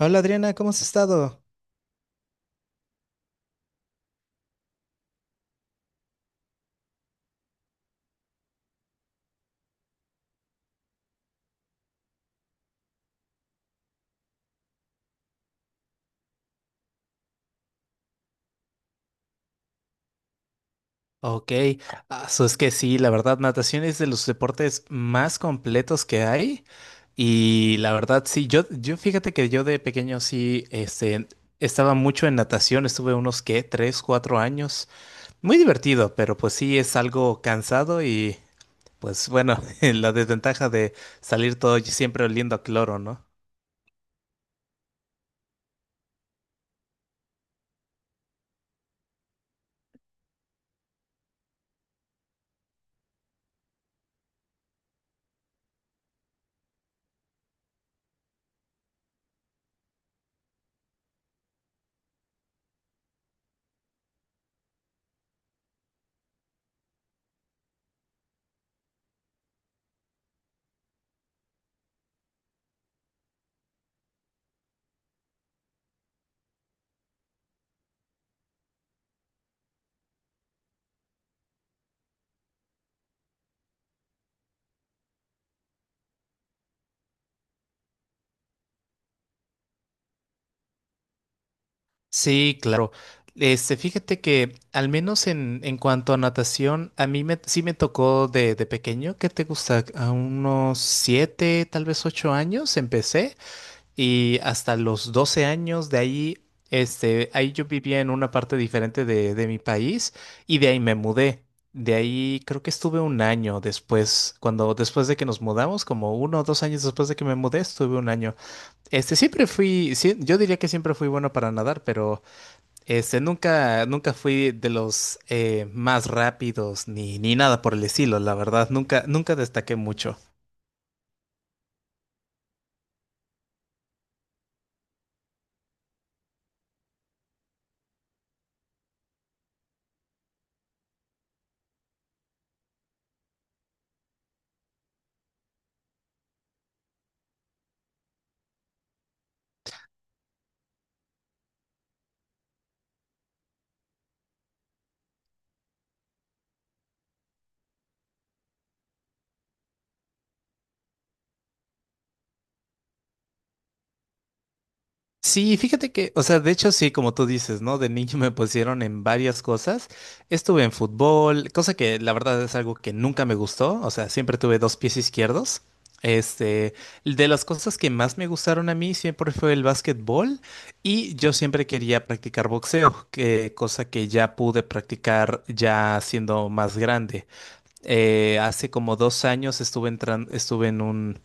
Hola Adriana, ¿cómo has estado? Ok, es que sí, la verdad, natación es de los deportes más completos que hay. Y la verdad, sí, yo fíjate que yo de pequeño sí, estaba mucho en natación, estuve unos, ¿qué? 3, 4 años. Muy divertido, pero pues sí es algo cansado y pues bueno, la desventaja de salir todo siempre oliendo a cloro, ¿no? Sí, claro. Fíjate que al menos en cuanto a natación, a mí me, sí me tocó de pequeño, ¿qué te gusta? A unos 7, tal vez 8 años empecé y hasta los 12 años de ahí, ahí yo vivía en una parte diferente de mi país y de ahí me mudé. De ahí creo que estuve un año después, cuando después de que nos mudamos, como uno o dos años después de que me mudé, estuve un año. Siempre fui, sí, yo diría que siempre fui bueno para nadar, pero nunca, nunca fui de los más rápidos ni nada por el estilo, la verdad, nunca, nunca destaqué mucho. Sí, fíjate que, o sea, de hecho sí, como tú dices, ¿no? De niño me pusieron en varias cosas. Estuve en fútbol, cosa que la verdad es algo que nunca me gustó, o sea, siempre tuve dos pies izquierdos. Este, de las cosas que más me gustaron a mí siempre fue el básquetbol y yo siempre quería practicar boxeo, que, cosa que ya pude practicar ya siendo más grande. Hace como 2 años estuve en un,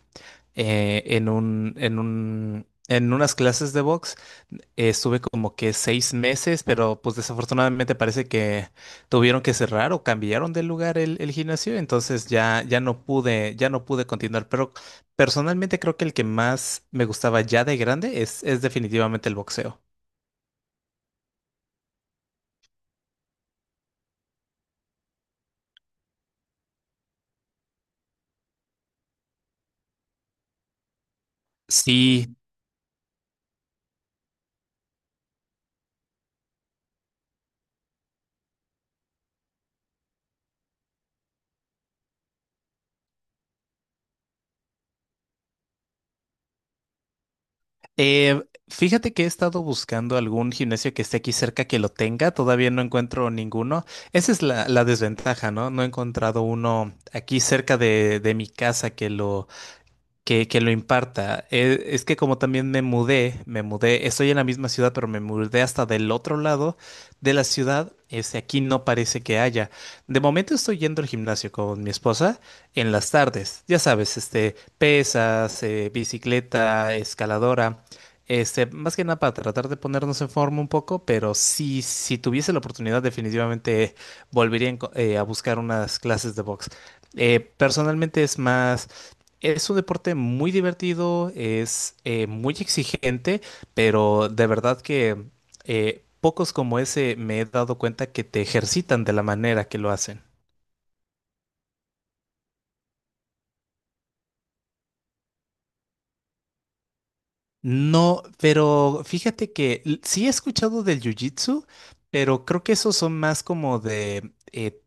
en un, en un, en unas clases de box. Estuve como que 6 meses, pero pues desafortunadamente parece que tuvieron que cerrar o cambiaron de lugar el gimnasio, entonces ya, ya no pude continuar. Pero personalmente creo que el que más me gustaba ya de grande es definitivamente el boxeo. Sí, Eh, Fíjate que he estado buscando algún gimnasio que esté aquí cerca que lo tenga, todavía no encuentro ninguno. Esa es la desventaja, ¿no? No he encontrado uno aquí cerca de mi casa que lo imparta. Que como también me mudé, estoy en la misma ciudad, pero me mudé hasta del otro lado de la ciudad. Aquí no parece que haya. De momento estoy yendo al gimnasio con mi esposa en las tardes. Ya sabes, pesas, bicicleta, escaladora. Más que nada para tratar de ponernos en forma un poco, pero sí, si tuviese la oportunidad, definitivamente volvería a buscar unas clases de box. Personalmente es más es un deporte muy divertido, es muy exigente, pero de verdad que pocos como ese me he dado cuenta que te ejercitan de la manera que lo hacen. No, pero fíjate que sí he escuchado del jiu-jitsu, pero creo que esos son más como de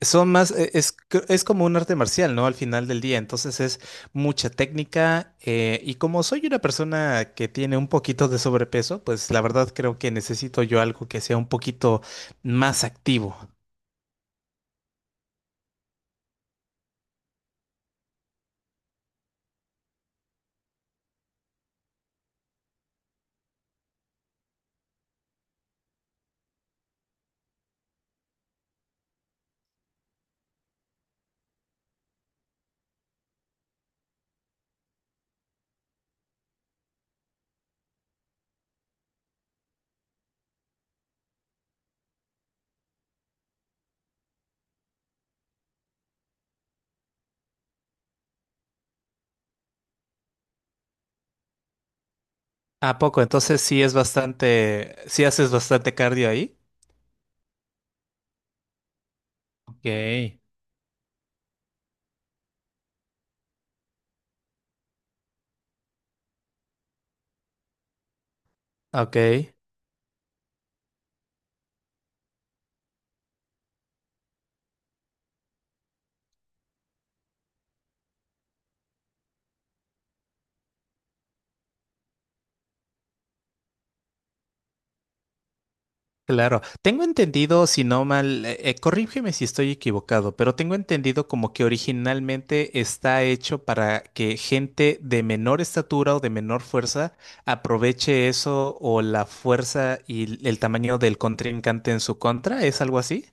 son más es como un arte marcial, ¿no? Al final del día. Entonces es mucha técnica. Y como soy una persona que tiene un poquito de sobrepeso, pues la verdad creo que necesito yo algo que sea un poquito más activo. ¿A poco? Entonces sí es bastante. Sí haces bastante cardio ahí. Ok. Ok. Claro, tengo entendido, si no mal, corrígeme si estoy equivocado, pero tengo entendido como que originalmente está hecho para que gente de menor estatura o de menor fuerza aproveche eso o la fuerza y el tamaño del contrincante en su contra, ¿es algo así?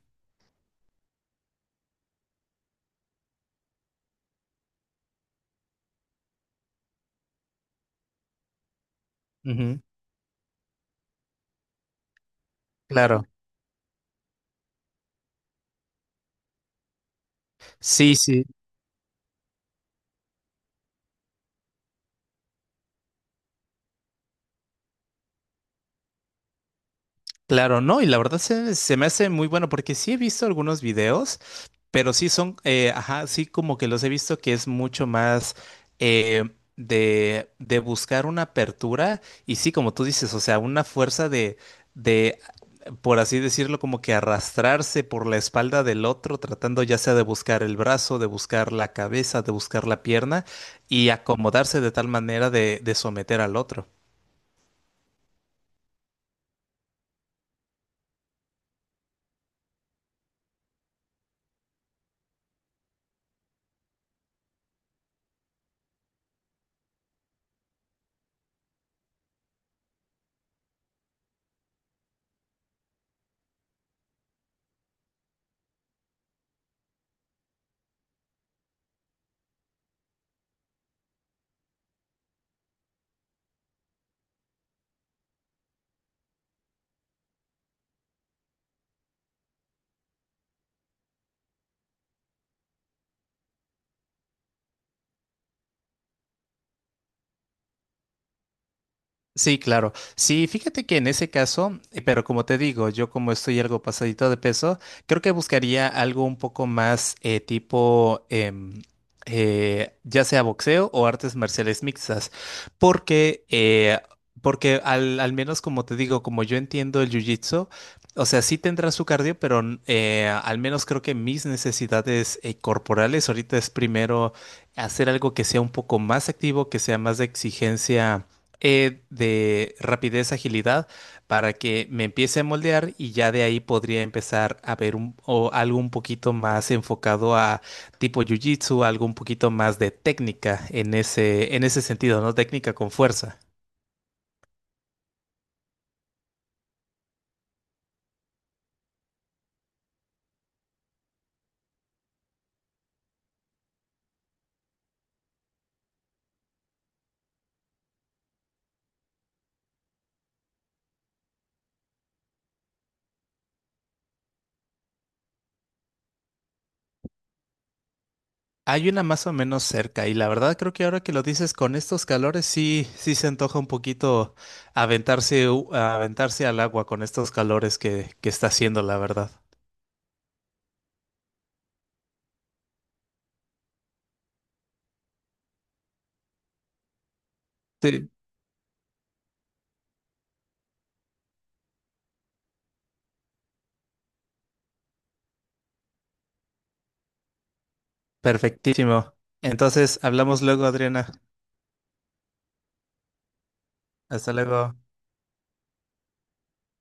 Ujú. Claro, sí, sí, claro, no, y la verdad se, se me hace muy bueno porque sí he visto algunos videos. Pero sí son, ajá, sí como que los he visto que es mucho más eh, de buscar una apertura y sí, como tú dices, o sea, una fuerza de, por así decirlo, como que arrastrarse por la espalda del otro, tratando ya sea de buscar el brazo, de buscar la cabeza, de buscar la pierna y acomodarse de tal manera de someter al otro. Sí, claro. Sí, fíjate que en ese caso, pero como te digo, yo como estoy algo pasadito de peso, creo que buscaría algo un poco más tipo, ya sea boxeo o artes marciales mixtas, porque, porque al menos como te digo, como yo entiendo el jiu-jitsu, o sea, sí tendrá su cardio, pero al menos creo que mis necesidades corporales ahorita es primero hacer algo que sea un poco más activo, que sea más de exigencia de rapidez, agilidad, para que me empiece a moldear y ya de ahí podría empezar a ver un, o algo un poquito más enfocado a tipo jiu-jitsu, algo un poquito más de técnica en ese sentido, ¿no? Técnica con fuerza. Hay una más o menos cerca y la verdad creo que ahora que lo dices con estos calores sí, sí se antoja un poquito aventarse, aventarse al agua con estos calores que está haciendo, la verdad. Sí, perfectísimo. Entonces, hablamos luego, Adriana. Hasta luego.